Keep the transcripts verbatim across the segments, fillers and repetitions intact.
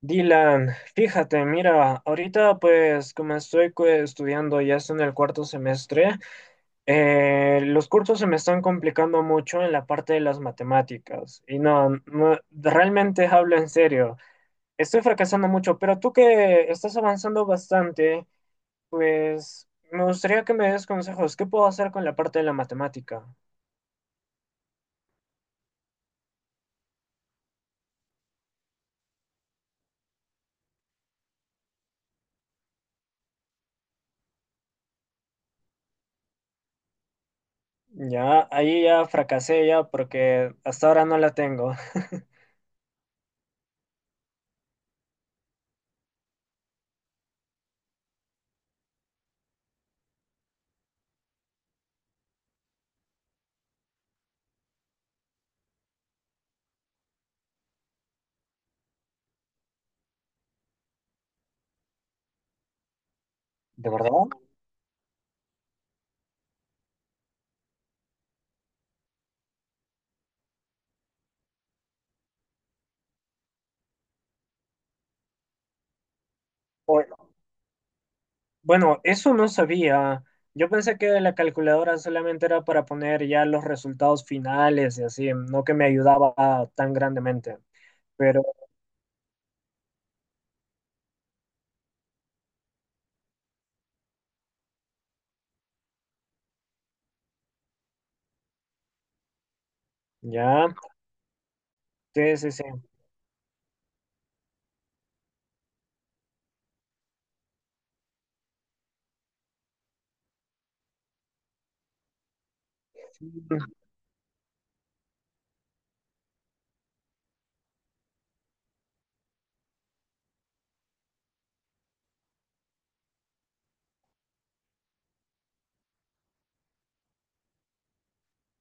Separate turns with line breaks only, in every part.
Dylan, fíjate, mira, ahorita pues como estoy cu- estudiando, ya estoy en el cuarto semestre. eh, los cursos se me están complicando mucho en la parte de las matemáticas. Y no, no, realmente hablo en serio, estoy fracasando mucho, pero tú que estás avanzando bastante, pues me gustaría que me des consejos. ¿Qué puedo hacer con la parte de la matemática? Ya, ahí ya fracasé ya porque hasta ahora no la tengo. ¿De verdad? Bueno, eso no sabía. Yo pensé que la calculadora solamente era para poner ya los resultados finales y así, no que me ayudaba tan grandemente. Pero ya, sí, sí, sí. Mm,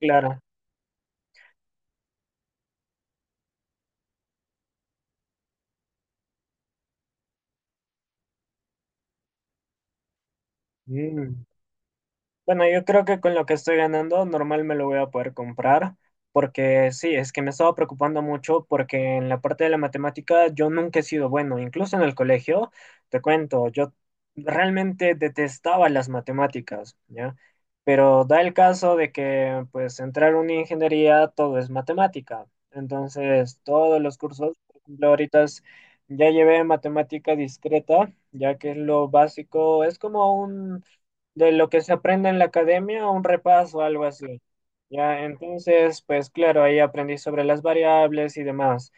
claro. Mm. Bueno, yo creo que con lo que estoy ganando, normal me lo voy a poder comprar, porque sí, es que me estaba preocupando mucho porque en la parte de la matemática yo nunca he sido bueno, incluso en el colegio. Te cuento, yo realmente detestaba las matemáticas, ¿ya? Pero da el caso de que, pues, entrar a una ingeniería todo es matemática. Entonces todos los cursos, por ejemplo, ahorita es- ya llevé matemática discreta, ya que es lo básico, es como un de lo que se aprende en la academia, un repaso, algo así. Ya, entonces, pues claro, ahí aprendí sobre las variables y demás.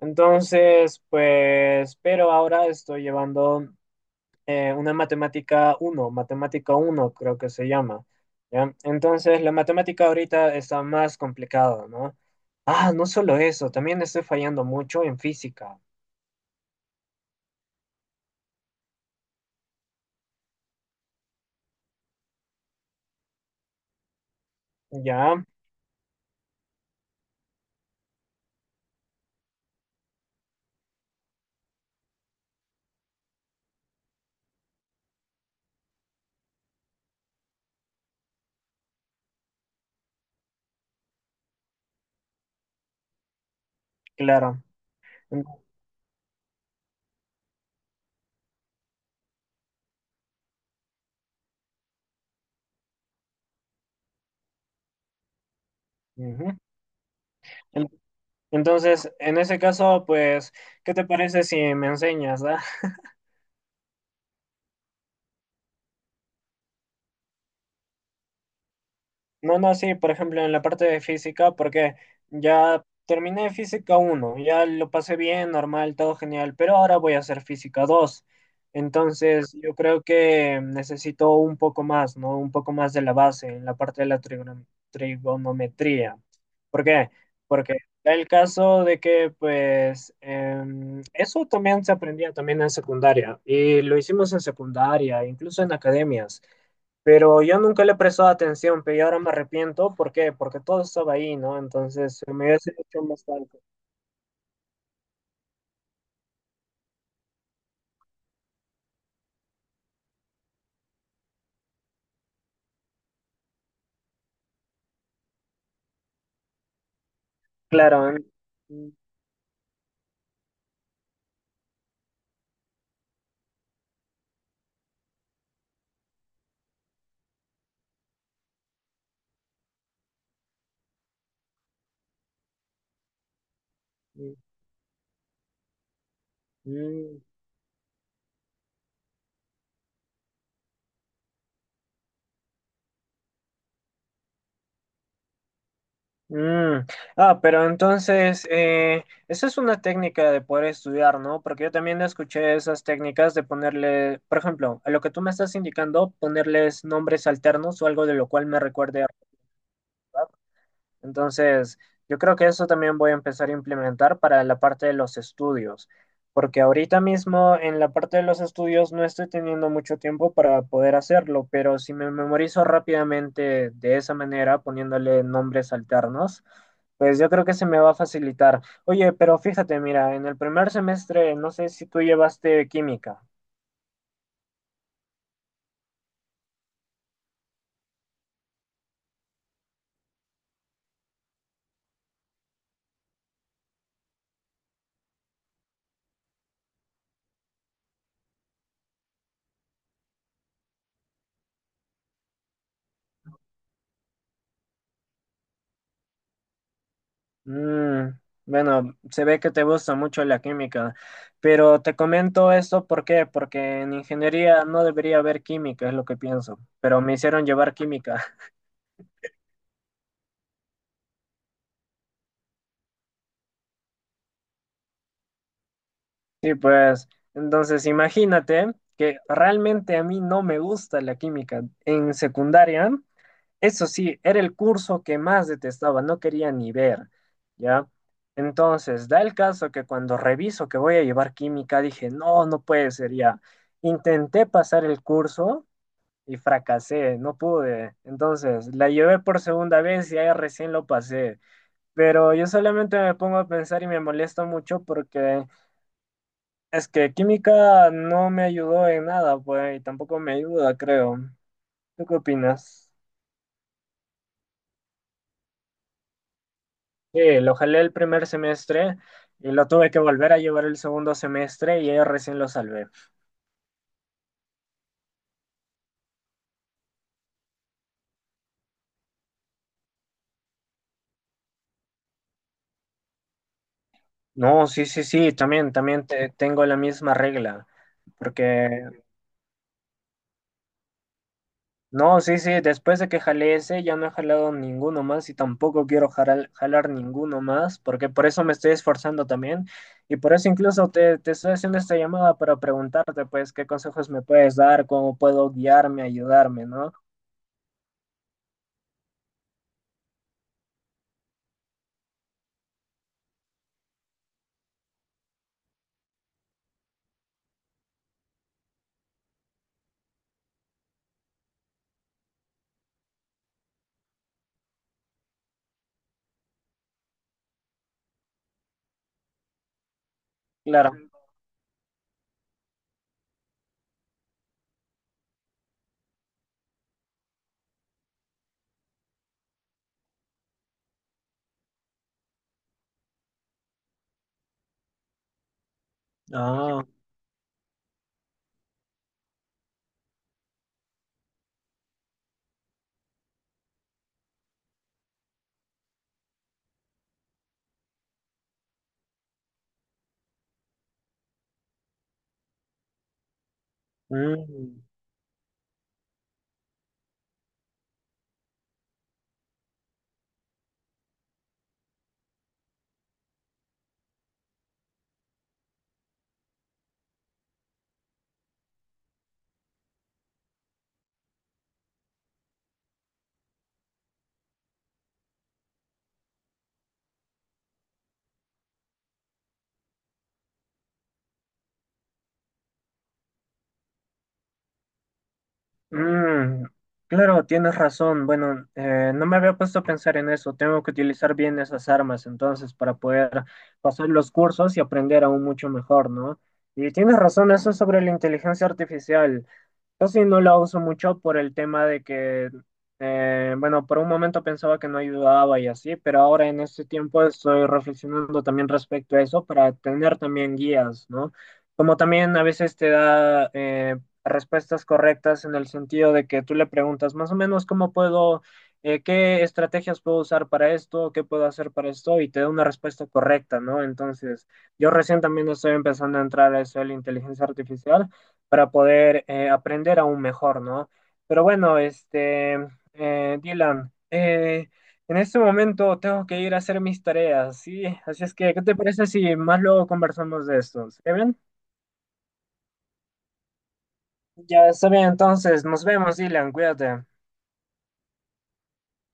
Entonces, pues, pero ahora estoy llevando eh, una matemática uno matemática uno creo que se llama. ¿Ya? Entonces, la matemática ahorita está más complicada, ¿no? Ah, no solo eso, también estoy fallando mucho en física. ¿Ya? Claro. En- Ujú. Entonces, en ese caso, pues, ¿qué te parece si me enseñas, ah? No, no, sí, por ejemplo, en la parte de física, porque ya terminé física uno, ya lo pasé bien, normal, todo genial, pero ahora voy a hacer física dos. Entonces, yo creo que necesito un poco más, ¿no? Un poco más de la base en la parte de la trigono- trigonometría. ¿Por qué? Porque da el caso de que, pues, em, eso también se aprendía también en secundaria y lo hicimos en secundaria, incluso en academias. Pero yo nunca le he prestado atención, pero yo ahora me arrepiento. ¿Por qué? Porque todo estaba ahí, ¿no? Entonces se me hubiese hecho más tarde. Claro. ¿Eh? Mm, mm, mm. Mm. Ah, pero entonces, eh, esa es una técnica de poder estudiar, ¿no? Porque yo también escuché esas técnicas de ponerle, por ejemplo, a lo que tú me estás indicando, ponerles nombres alternos o algo de lo cual me recuerde. A entonces, yo creo que eso también voy a empezar a implementar para la parte de los estudios, porque ahorita mismo en la parte de los estudios no estoy teniendo mucho tiempo para poder hacerlo, pero si me memorizo rápidamente de esa manera, poniéndole nombres alternos, pues yo creo que se me va a facilitar. Oye, pero fíjate, mira, en el primer semestre, no sé si tú llevaste química. Mm, bueno, se ve que te gusta mucho la química, pero te comento esto, ¿por qué? Porque en ingeniería no debería haber química, es lo que pienso, pero me hicieron llevar química. Sí, pues, entonces imagínate que realmente a mí no me gusta la química. En secundaria eso sí, era el curso que más detestaba, no quería ni ver, ¿ya? Entonces, da el caso que cuando reviso que voy a llevar química, dije, no, no puede ser ya. Intenté pasar el curso y fracasé, no pude. Entonces, la llevé por segunda vez y ahí recién lo pasé. Pero yo solamente me pongo a pensar y me molesta mucho porque es que química no me ayudó en nada, pues, y tampoco me ayuda, creo. ¿Tú qué opinas? Sí, lo jalé el primer semestre y lo tuve que volver a llevar el segundo semestre y ahí recién lo salvé. No, sí, sí, sí, también, también te- tengo la misma regla. Porque, no, sí, sí, después de que jalé ese ya no he jalado ninguno más y tampoco quiero jalar, jalar ninguno más, porque por eso me estoy esforzando también y por eso incluso te, te estoy haciendo esta llamada para preguntarte, pues, qué consejos me puedes dar, cómo puedo guiarme, ayudarme, ¿no? Claro. Ah, mm. Mm, claro, tienes razón. Bueno, eh, no me había puesto a pensar en eso. Tengo que utilizar bien esas armas entonces para poder pasar los cursos y aprender aún mucho mejor, ¿no? Y tienes razón, eso sobre la inteligencia artificial. Casi no la uso mucho por el tema de que, eh, bueno, por un momento pensaba que no ayudaba y así, pero ahora en este tiempo estoy reflexionando también respecto a eso para tener también guías, ¿no? Como también a veces te da eh, respuestas correctas en el sentido de que tú le preguntas más o menos cómo puedo, eh, qué estrategias puedo usar para esto, qué puedo hacer para esto, y te da una respuesta correcta, ¿no? Entonces, yo recién también estoy empezando a entrar a eso de la inteligencia artificial para poder eh, aprender aún mejor, ¿no? Pero bueno, este, eh, Dylan, eh, en este momento tengo que ir a hacer mis tareas, ¿sí? Así es que, ¿qué te parece si más luego conversamos de esto? ¿Está bien? Ya está bien, entonces, nos vemos, Dylan, cuídate.